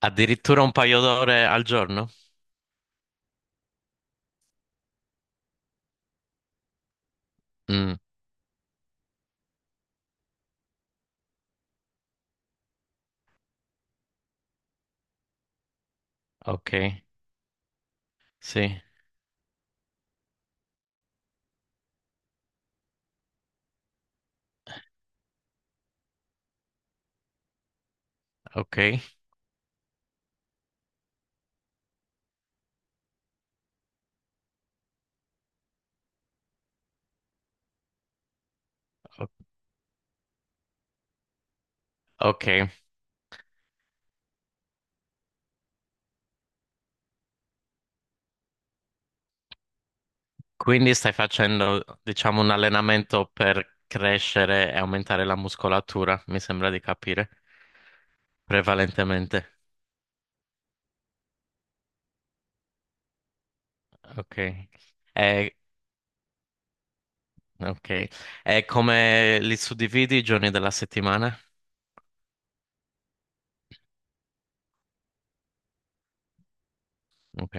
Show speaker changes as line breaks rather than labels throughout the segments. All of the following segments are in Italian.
Addirittura un paio d'ore al giorno? Mm, ok, sì, ok, o- ok. Quindi stai facendo, diciamo, un allenamento per crescere e aumentare la muscolatura, mi sembra di capire, prevalentemente. Ok. E, ok. E come li suddividi i giorni della settimana? Ok,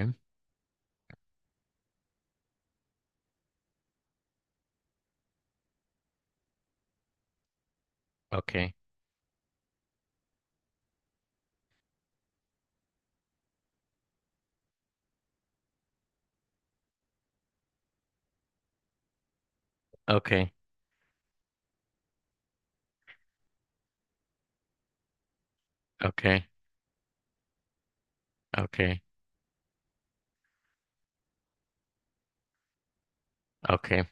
ok, ok, ok, ok, ok.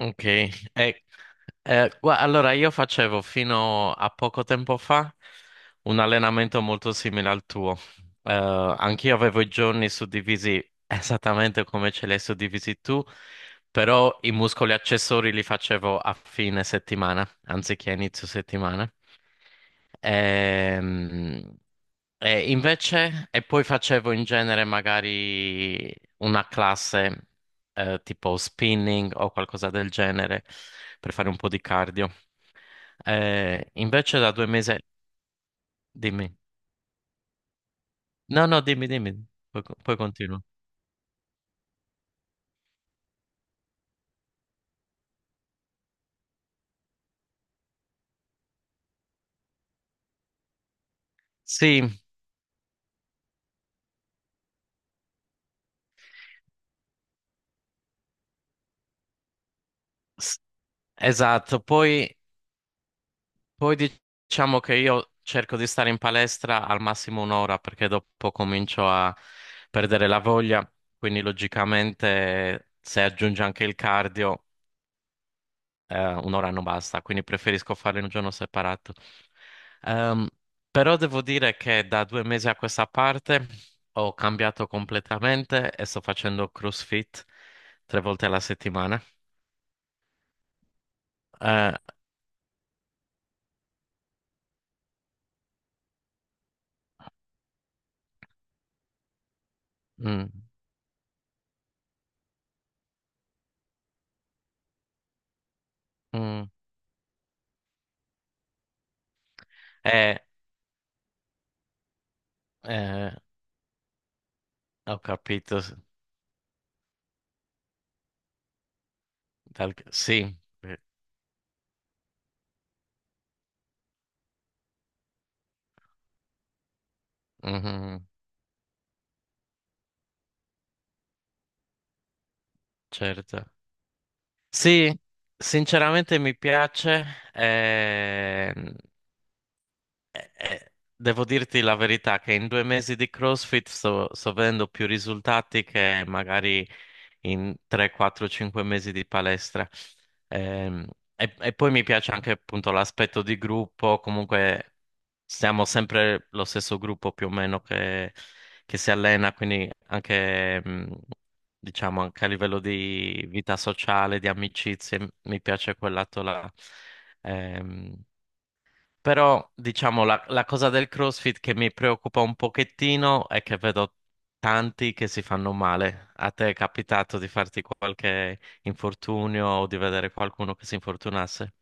Ok, allora io facevo fino a poco tempo fa un allenamento molto simile al tuo. Anch'io avevo i giorni suddivisi esattamente come ce li hai suddivisi tu, però i muscoli accessori li facevo a fine settimana, anziché a inizio settimana. Ehm, e invece, e poi facevo in genere magari una classe tipo spinning o qualcosa del genere per fare un po' di cardio. Invece da 2 mesi... Dimmi. No, no, dimmi, dimmi. Poi continuo. Sì, s- esatto. Poi diciamo che io cerco di stare in palestra al massimo un'ora perché dopo comincio a perdere la voglia, quindi logicamente se aggiunge anche il cardio un'ora non basta, quindi preferisco farlo in un giorno separato. Ehm, Però devo dire che da 2 mesi a questa parte ho cambiato completamente e sto facendo CrossFit tre volte alla settimana. Eh, mm, mm, eh, eh, ho capito. Sì, eh, mhm, certo. Sì, sinceramente mi piace. eh, Devo dirti la verità che in 2 mesi di CrossFit sto vedendo più risultati che magari in 3, 4, 5 mesi di palestra. Ehm, e poi mi piace anche appunto l'aspetto di gruppo, comunque siamo sempre lo stesso gruppo più o meno che si allena, quindi anche, diciamo, anche a livello di vita sociale, di amicizie, mi piace quel lato là. Ehm, Però, diciamo, la cosa del CrossFit che mi preoccupa un pochettino è che vedo tanti che si fanno male. A te è capitato di farti qualche infortunio o di vedere qualcuno che si infortunasse?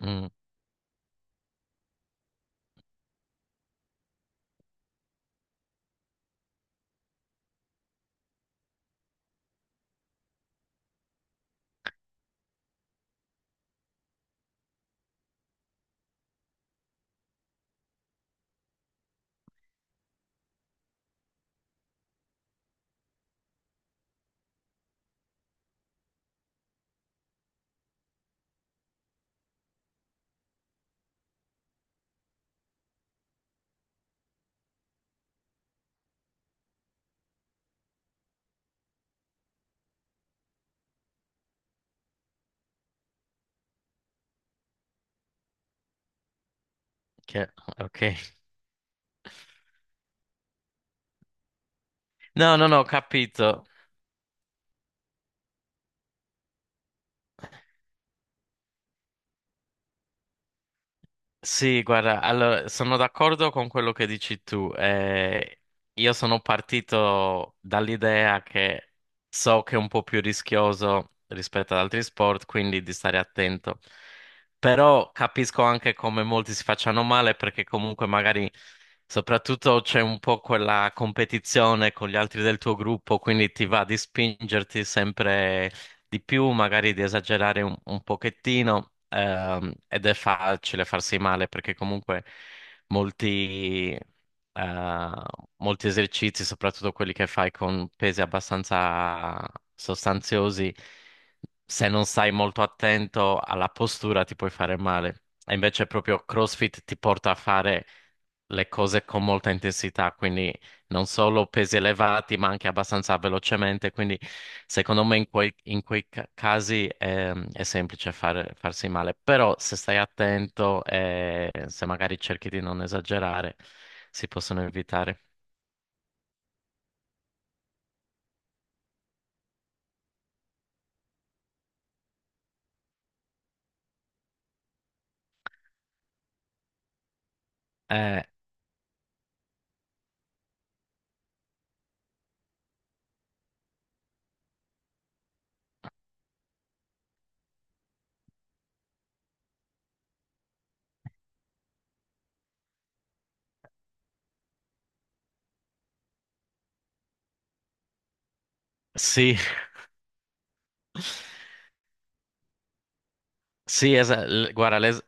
Mm, che- ok. No, no, no, ho capito. Sì, guarda, allora sono d'accordo con quello che dici tu. Io sono partito dall'idea che so che è un po' più rischioso rispetto ad altri sport, quindi di stare attento. Però capisco anche come molti si facciano male perché comunque magari soprattutto c'è un po' quella competizione con gli altri del tuo gruppo, quindi ti va di spingerti sempre di più, magari di esagerare un pochettino, ed è facile farsi male perché comunque molti, eh, molti esercizi, soprattutto quelli che fai con pesi abbastanza sostanziosi, se non stai molto attento alla postura ti puoi fare male. E invece proprio CrossFit ti porta a fare le cose con molta intensità, quindi non solo pesi elevati, ma anche abbastanza velocemente. Quindi, secondo me, in quei casi è semplice farsi male. Però, se stai attento e se magari cerchi di non esagerare, si possono evitare. Eh, sì, sì, guarda,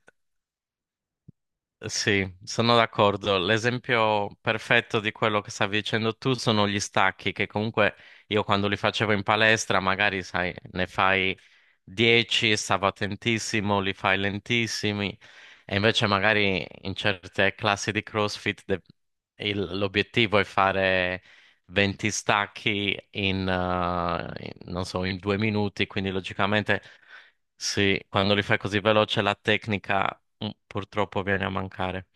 sì, sono d'accordo. L'esempio perfetto di quello che stavi dicendo tu sono gli stacchi, che comunque io quando li facevo in palestra, magari sai, ne fai 10, stavo attentissimo, li fai lentissimi, e invece magari in certe classi di CrossFit l'obiettivo è fare 20 stacchi in, non so, in 2 minuti, quindi logicamente. Sì, quando li fai così veloce la tecnica purtroppo viene a mancare.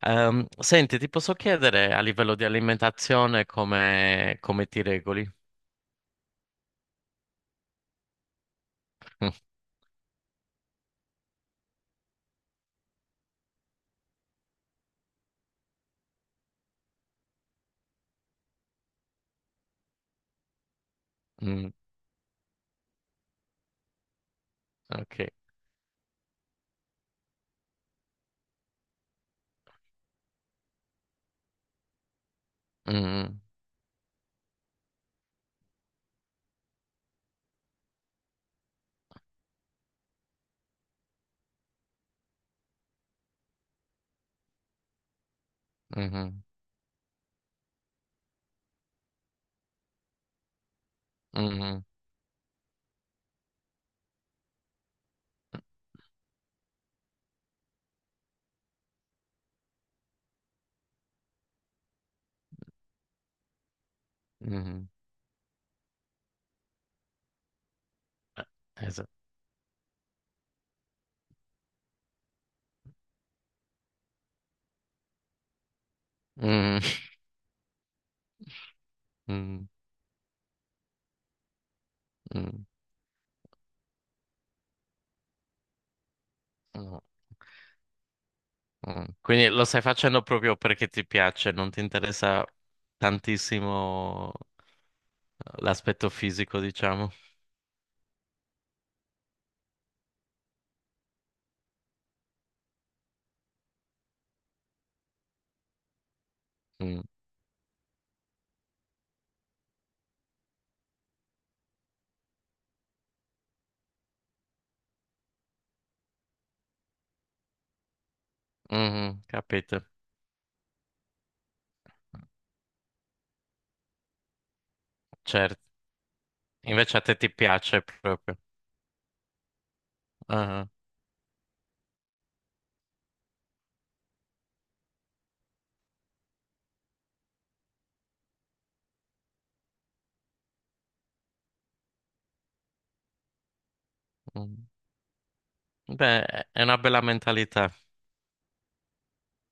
Senti, ti posso chiedere a livello di alimentazione come ti regoli? Mm, ok. Mm, mhm, mhm, mhm. Eh, Esatto. Mm, mm, mm, mm, mm. Quindi lo stai facendo proprio perché ti piace, non ti interessa tantissimo l'aspetto fisico, diciamo. Mm, mhm, capito. Certo, invece a te ti piace proprio. Ah, ah, mm. Beh, è una bella mentalità.